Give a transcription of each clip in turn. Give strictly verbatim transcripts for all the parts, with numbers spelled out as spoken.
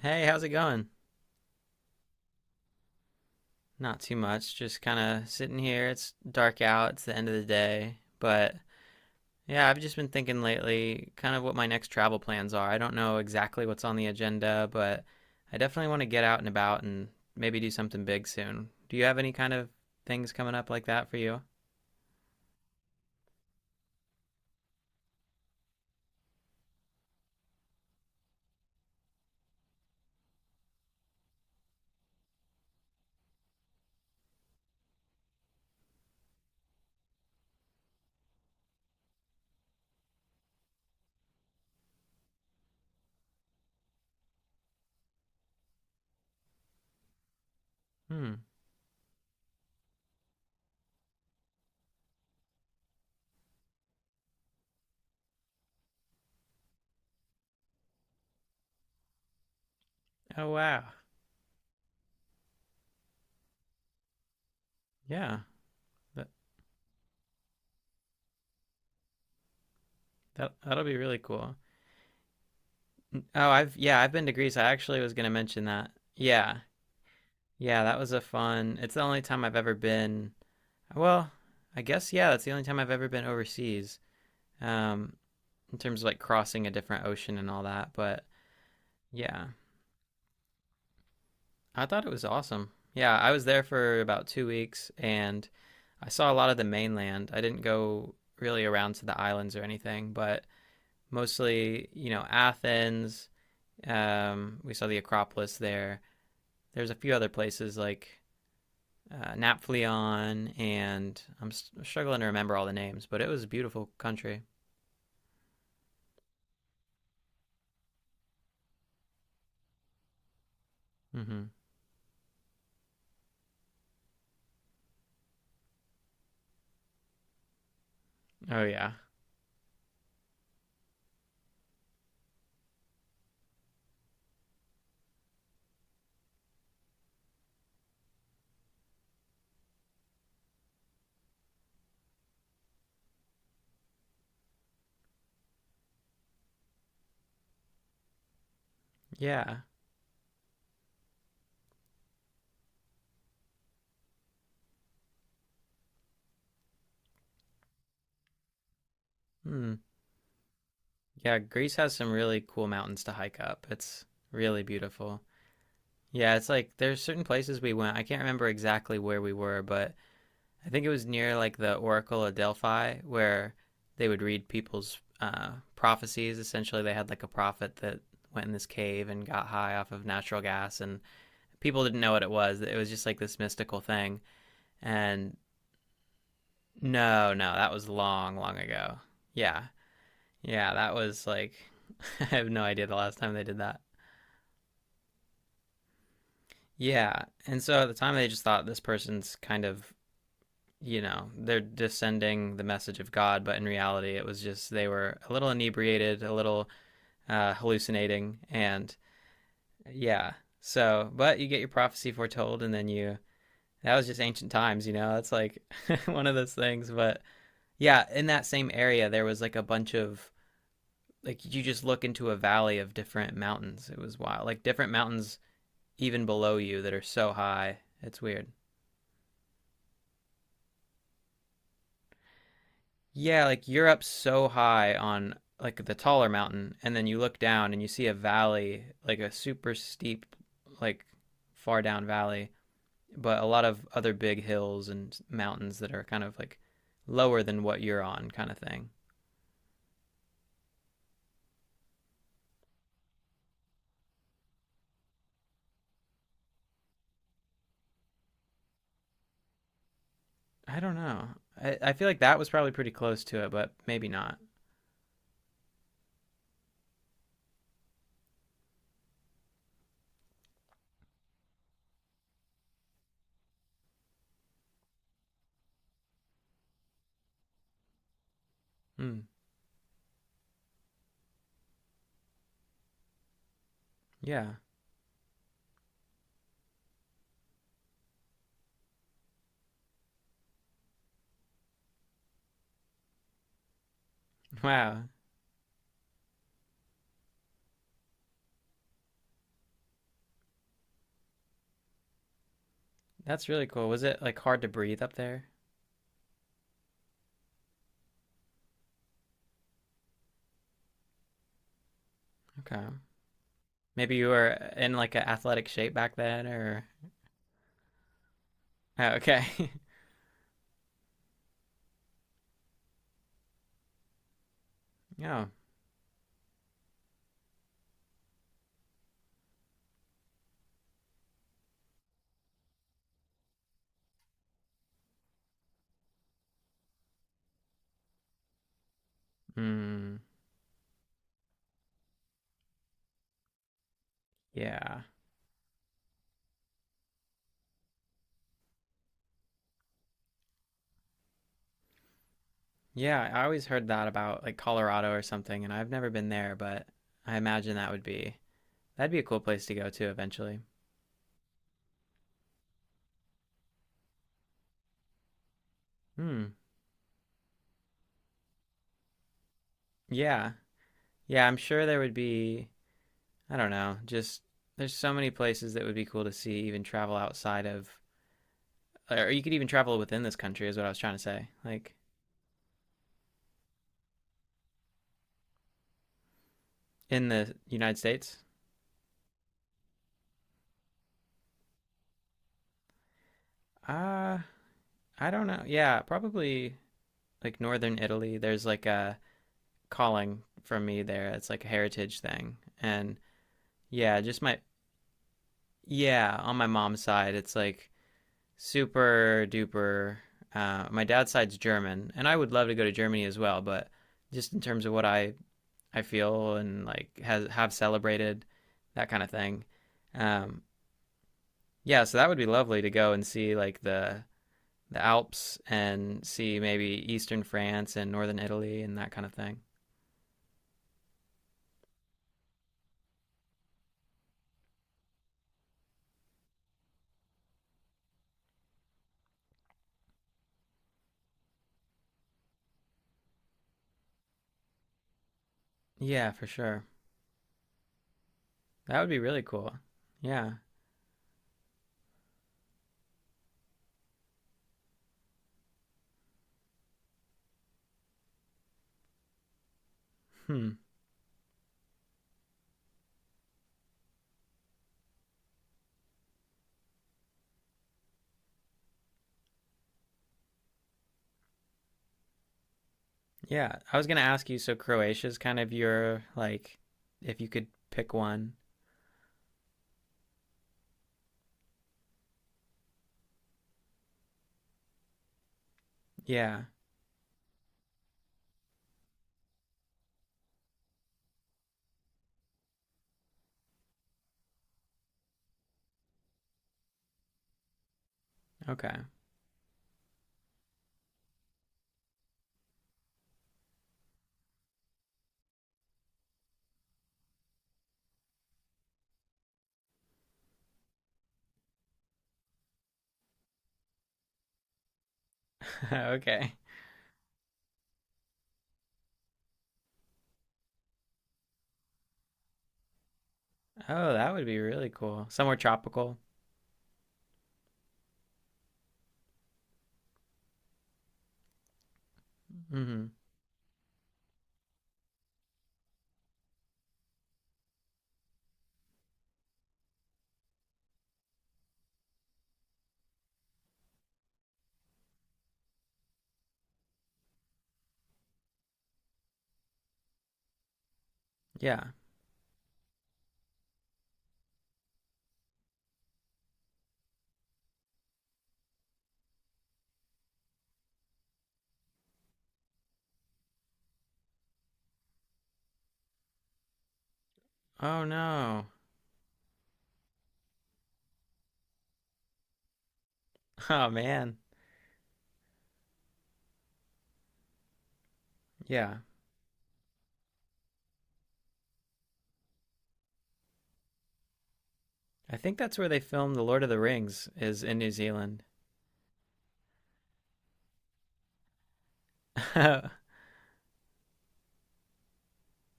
Hey, how's it going? Not too much. Just kind of sitting here. It's dark out. It's the end of the day. But yeah, I've just been thinking lately kind of what my next travel plans are. I don't know exactly what's on the agenda, but I definitely want to get out and about and maybe do something big soon. Do you have any kind of things coming up like that for you? Hmm. Oh, wow. Yeah. That, that that'll be really cool. Oh, I've yeah, I've been to Greece. I actually was going to mention that. Yeah. Yeah, that was a fun. It's the only time I've ever been. Well, I guess yeah, that's the only time I've ever been overseas. Um, in terms of like crossing a different ocean and all that. But yeah, I thought it was awesome. Yeah, I was there for about two weeks and I saw a lot of the mainland. I didn't go really around to the islands or anything, but mostly, you know, Athens. Um, we saw the Acropolis there. There's a few other places like uh, Naphtalion, and I'm struggling to remember all the names, but it was a beautiful country. Hmm. Oh yeah. Yeah. Hmm. Yeah, Greece has some really cool mountains to hike up. It's really beautiful. Yeah, it's like there's certain places we went. I can't remember exactly where we were, but I think it was near like the Oracle of Delphi where they would read people's uh, prophecies. Essentially, they had like a prophet that went in this cave and got high off of natural gas, and people didn't know what it was. It was just like this mystical thing. And no, no, that was long, long ago. Yeah, yeah, that was like, I have no idea the last time they did that. Yeah. And so at the time, they just thought this person's kind of, you know, they're descending the message of God. But in reality, it was just they were a little inebriated, a little uh, hallucinating. And yeah. So, but you get your prophecy foretold, and then you, that was just ancient times, you know, that's like one of those things. But yeah, in that same area, there was like a bunch of, like, you just look into a valley of different mountains. It was wild. Like, different mountains even below you that are so high. It's weird. Yeah, like you're up so high on like the taller mountain, and then you look down and you see a valley, like a super steep, like far down valley, but a lot of other big hills and mountains that are kind of like lower than what you're on, kind of thing. I don't know. I, I feel like that was probably pretty close to it, but maybe not. Hmm. Yeah. Wow. That's really cool. Was it like hard to breathe up there? Okay. Maybe you were in like an athletic shape back then, or oh, okay, yeah, mm, yeah, yeah. I always heard that about like Colorado or something, and I've never been there, but I imagine that would be that'd be a cool place to go to eventually. Hmm. Yeah, yeah. I'm sure there would be. I don't know. Just there's so many places that would be cool to see, even travel outside of, or you could even travel within this country, is what I was trying to say. Like in the United States. Uh, I don't know. Yeah, probably like northern Italy, there's like a calling from me there. It's like a heritage thing. And yeah, just my yeah, on my mom's side, it's like super duper. Uh, my dad's side's German, and I would love to go to Germany as well, but just in terms of what I I feel and like has have celebrated that kind of thing. Um, yeah, so that would be lovely to go and see like the the Alps and see maybe eastern France and northern Italy and that kind of thing. Yeah, for sure. That would be really cool. Yeah. Hmm. Yeah. I was gonna ask you. So Croatia is kind of your like, if you could pick one. Yeah. Okay. okay. Oh, that would be really cool. Somewhere tropical. Mm-hmm. Yeah. Oh no. Oh man. Yeah. I think that's where they filmed The Lord of the Rings is in New Zealand.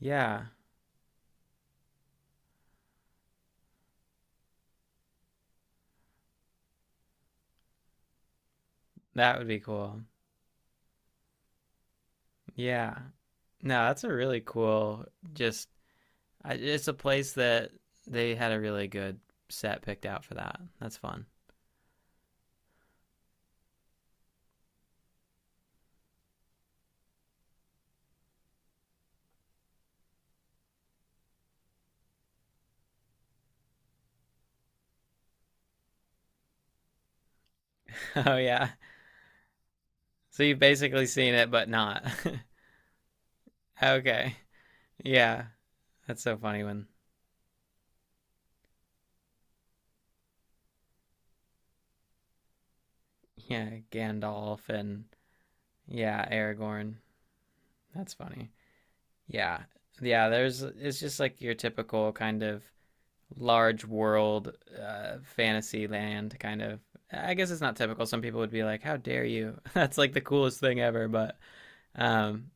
yeah. That would be cool. Yeah. No, that's a really cool just I, it's a place that they had a really good set picked out for that. That's fun. Oh yeah. So you've basically seen it, but not. okay. Yeah. That's so funny when yeah Gandalf and yeah Aragorn. That's funny. Yeah. Yeah. There's it's just like your typical kind of large world uh, fantasy land kind of. I guess it's not typical. Some people would be like, "How dare you?" That's like the coolest thing ever. But um,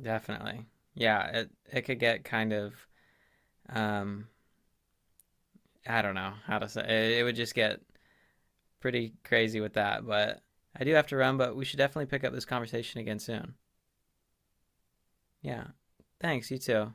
Definitely. Yeah, it it could get kind of um I don't know how to say it, it would just get pretty crazy with that, but I do have to run, but we should definitely pick up this conversation again soon. Yeah. Thanks, you too.